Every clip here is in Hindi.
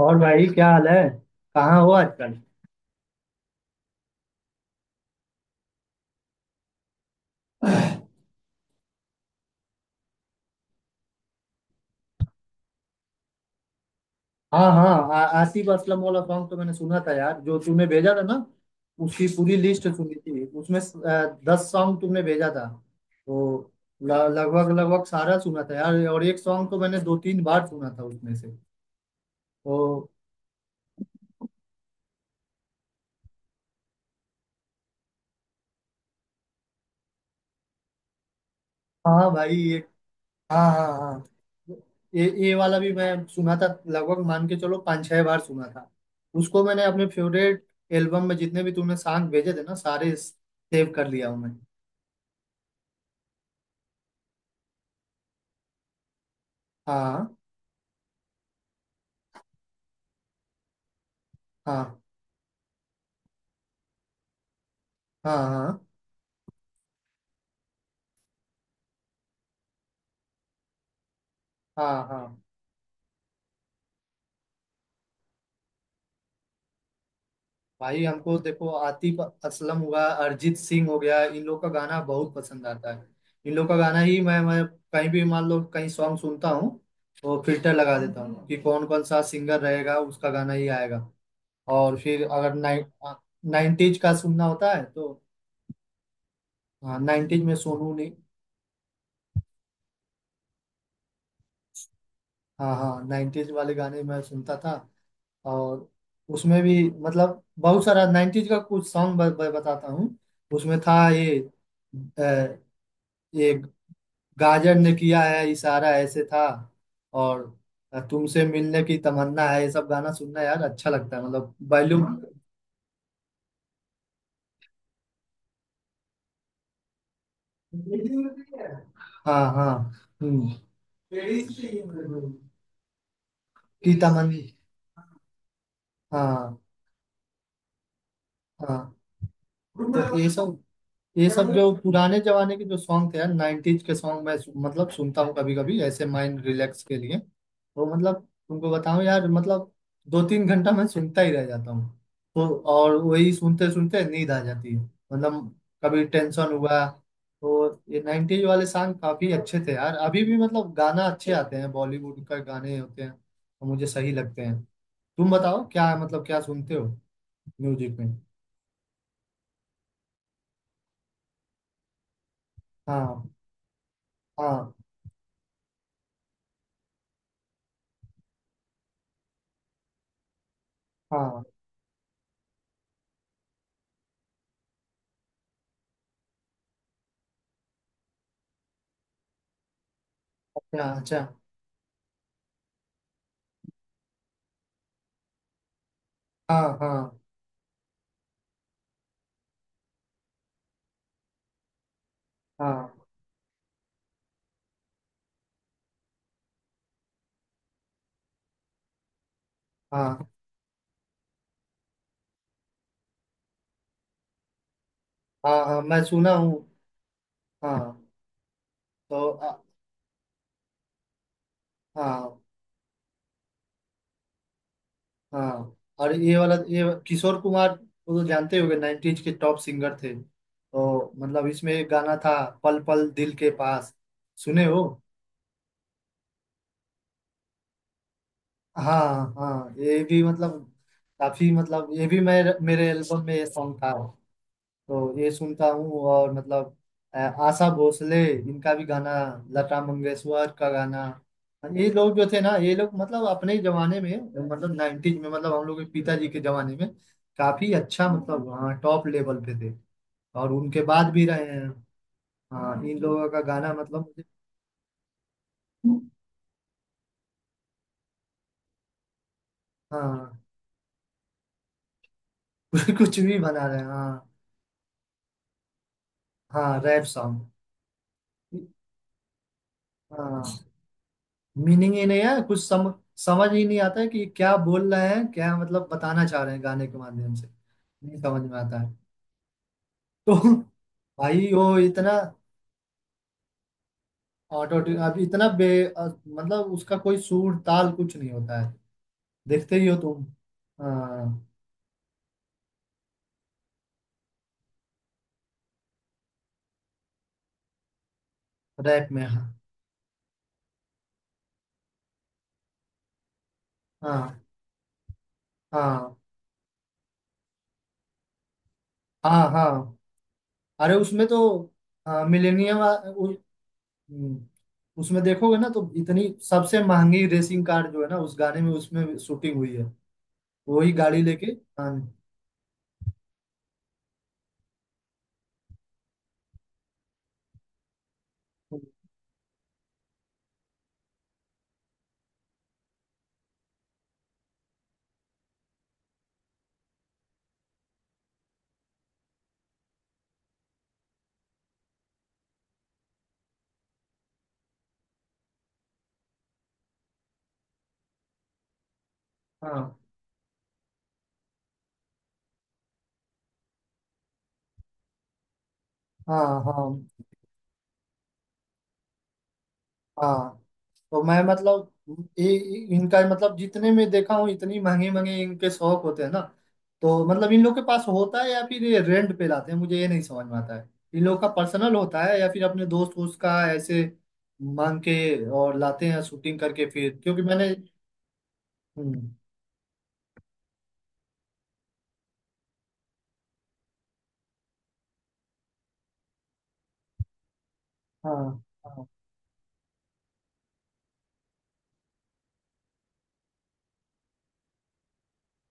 और भाई क्या हाल है। कहाँ हो आजकल? हाँ हाँ, आसिफ असलम वाला सॉन्ग तो मैंने सुना था यार, जो तूने भेजा था ना। उसकी पूरी लिस्ट सुनी थी, उसमें दस सॉन्ग तुमने भेजा था। तो ल- लगभग लगभग सारा सुना था यार, और एक सॉन्ग तो मैंने दो तीन बार सुना था उसमें से। तो हाँ भाई ये, हाँ हाँ हाँ, ये वाला भी मैं सुना था, लगभग मान के चलो पाँच छह बार सुना था। उसको मैंने अपने फेवरेट एल्बम में जितने भी तुमने सॉन्ग भेजे थे ना, सारे सेव कर लिया हूँ मैं। हाँ हाँ हाँ, हाँ हाँ हाँ। भाई हमको देखो, आतिफ असलम हुआ, अरिजीत सिंह हो गया, इन लोग का गाना बहुत पसंद आता है। इन लोग का गाना ही मैं कहीं भी, मान लो, कहीं सॉन्ग सुनता हूँ। तो फिल्टर लगा देता हूँ कि कौन कौन सा सिंगर रहेगा, उसका गाना ही आएगा। और फिर अगर नाइन्टीज का सुनना होता है तो। हाँ, नाइन्टीज में सोनू ने। हाँ हाँ, नाइन्टीज वाले गाने मैं सुनता था। और उसमें भी, मतलब बहुत सारा 90s का कुछ सॉन्ग ब, ब, बताता हूँ। उसमें था ये, अ, ये गाजर ने किया है इशारा ऐसे था। और तुमसे मिलने की तमन्ना है, ये सब गाना सुनना यार अच्छा लगता है, मतलब बैलूम। हाँ हाँ, हम्म, की तमन्ना। हाँ हाँ, तो ये सब, ये सब जो पुराने जमाने के जो सॉन्ग थे यार, नाइन्टीज के सॉन्ग मैं मतलब सुनता हूँ कभी कभी ऐसे माइंड रिलैक्स के लिए। वो मतलब तुमको बताऊं यार, मतलब दो तीन घंटा मैं सुनता ही रह जाता हूँ। तो और वही सुनते सुनते नींद आ जाती है। मतलब कभी टेंशन हुआ तो ये नाइन्टीज वाले सॉन्ग काफी अच्छे थे यार, अभी भी मतलब गाना अच्छे आते हैं, बॉलीवुड का गाने होते हैं तो मुझे सही लगते हैं। तुम बताओ, क्या मतलब क्या सुनते हो म्यूजिक में? हाँ हाँ हाँ, अच्छा अच्छा, हाँ हाँ हाँ, हाँ हाँ हाँ, मैं सुना हूँ। हाँ, तो हाँ हाँ। और ये वाला, ये किशोर कुमार, वो तो जानते होंगे 90s के टॉप सिंगर थे, तो मतलब इसमें एक गाना था। पल पल दिल के पास, सुने हो? हाँ हाँ, ये भी मतलब, काफी मतलब, ये भी मैं मेरे एल्बम में ये सॉन्ग था। तो ये सुनता हूँ और मतलब, आशा भोसले इनका भी गाना, लता मंगेशकर का गाना। ये लोग जो थे ना, ये लोग मतलब अपने ही जमाने में, मतलब नाइन्टीज में, मतलब हम लोग के पिताजी के जमाने में, काफी अच्छा मतलब, हाँ टॉप लेवल पे थे। और उनके बाद भी रहे हैं। हाँ, इन लोगों का गाना मतलब मुझे। हाँ कुछ भी बना रहे हैं, हाँ। हाँ, रैप सॉन्ग, हाँ। मीनिंग ही नहीं है, कुछ समझ ही नहीं आता है कि क्या बोल रहे हैं, क्या मतलब बताना चाह रहे हैं गाने के माध्यम से। नहीं समझ में आता है। तो भाई, वो इतना ऑटो ट्यून, अब इतना मतलब उसका कोई सुर ताल कुछ नहीं होता है। देखते ही हो तुम? रैप में, हाँ। हाँ हाँ हाँ हाँ, अरे उसमें तो मिलेनियम, उसमें देखोगे ना, तो इतनी सबसे महंगी रेसिंग कार जो है ना, उस गाने में उसमें शूटिंग हुई है। वही गाड़ी लेके। हाँ हाँ हाँ हाँ हाँ, तो मैं मतलब, इनका मतलब जितने में देखा हूँ, इतनी महंगे महंगे इनके शौक होते हैं ना। तो मतलब इन लोग के पास होता है, या फिर ये रेंट पे लाते हैं, मुझे ये नहीं समझ में आता है। इन लोग का पर्सनल होता है, या फिर अपने दोस्त वोस्त का ऐसे मांग के और लाते हैं शूटिंग करके, फिर क्योंकि मैंने। हम्म, हाँ हाँ,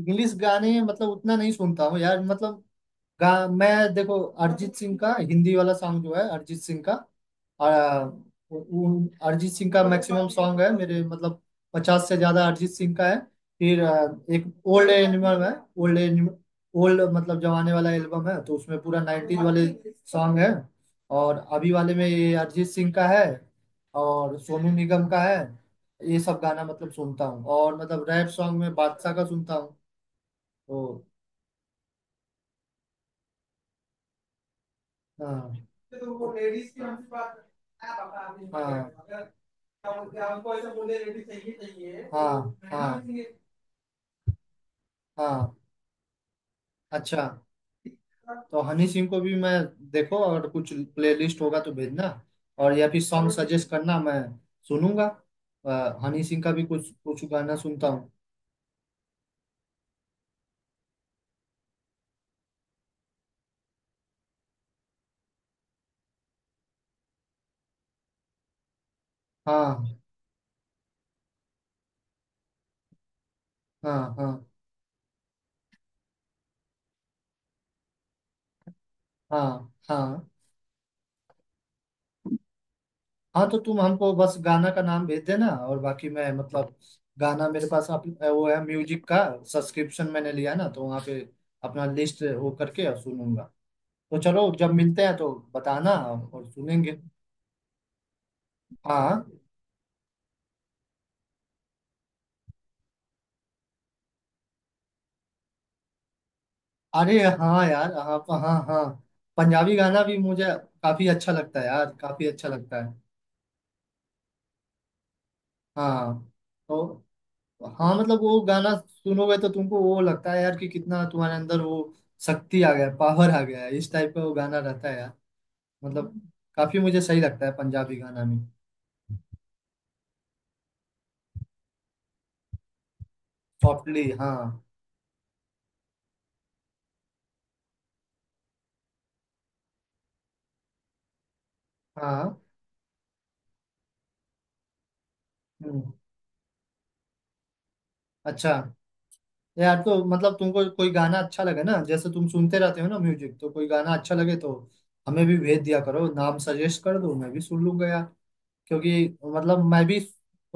इंग्लिश गाने मतलब उतना नहीं सुनता हूँ यार, मतलब गा मैं, देखो, अरिजीत सिंह का हिंदी वाला सॉन्ग जो है अरिजीत सिंह का, आ, अरिजीत सिंह का मैक्सिमम सॉन्ग है मेरे मतलब। 50 से ज्यादा अरिजीत सिंह का है। फिर एक ओल्ड एनिमल है। ओल्ड एनिमल, ओल्ड मतलब जमाने वाला एल्बम है, तो उसमें पूरा नाइनटीज वाले सॉन्ग है। और अभी वाले में ये अरिजीत सिंह का है, और सोनू निगम का है। ये सब गाना मतलब सुनता हूँ, और मतलब रैप सॉन्ग में बादशाह का सुनता हूँ। तो हाँ हाँ हाँ, हाँ हाँ, अच्छा। तो हनी सिंह को भी मैं, देखो अगर कुछ प्लेलिस्ट होगा तो भेजना, और या फिर सॉन्ग जरूर जरूर सजेस्ट करना, मैं सुनूंगा। हनी सिंह का भी कुछ कुछ गाना सुनता हूँ। हाँ हाँ हाँ, हाँ हाँ हाँ, तो तुम हमको बस गाना का नाम भेज देना, और बाकी मैं मतलब, गाना मेरे पास वो है म्यूजिक का सब्सक्रिप्शन मैंने लिया ना, तो वहाँ पे अपना लिस्ट वो करके और सुनूंगा। तो चलो, जब मिलते हैं तो बताना और सुनेंगे। हाँ, अरे हाँ यार, हाँ हाँ हाँ, पंजाबी गाना भी मुझे काफी अच्छा लगता है यार, काफी अच्छा लगता है। हाँ, तो हाँ, मतलब वो गाना सुनोगे तो तुमको वो लगता है यार कि कितना तुम्हारे अंदर वो शक्ति आ गया, पावर आ गया है, इस टाइप का वो गाना रहता है यार। मतलब काफी मुझे सही लगता है पंजाबी गाना में। सॉफ्टली, हाँ हाँ, हम्म, अच्छा। यार तो मतलब, तुमको कोई गाना अच्छा लगे ना, जैसे तुम सुनते रहते हो ना म्यूजिक, तो कोई गाना अच्छा लगे तो हमें भी भेज दिया करो, नाम सजेस्ट कर दो, मैं भी सुन लूंगा यार। क्योंकि मतलब मैं भी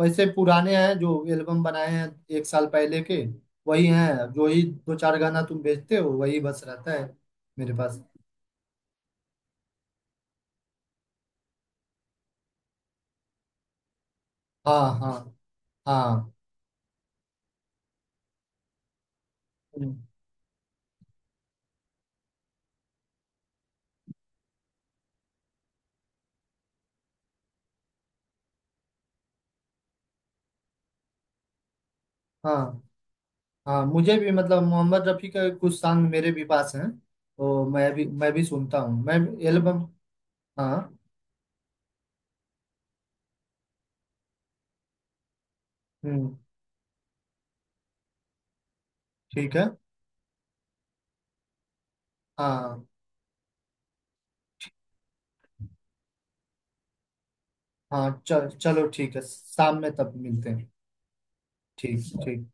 वैसे पुराने हैं जो एल्बम बनाए हैं, एक साल पहले के, वही हैं। जो ही दो चार गाना तुम भेजते हो वही बस रहता है मेरे पास। हाँ हाँ हाँ, हम्म, हाँ हाँ, मुझे भी मतलब मोहम्मद रफ़ी का कुछ सॉन्ग मेरे भी पास हैं। तो मैं भी सुनता हूँ मैं एल्बम। हाँ, हम्म, ठीक है, हाँ हाँ, चल चलो, ठीक है, शाम में तब मिलते हैं। ठीक ठीक।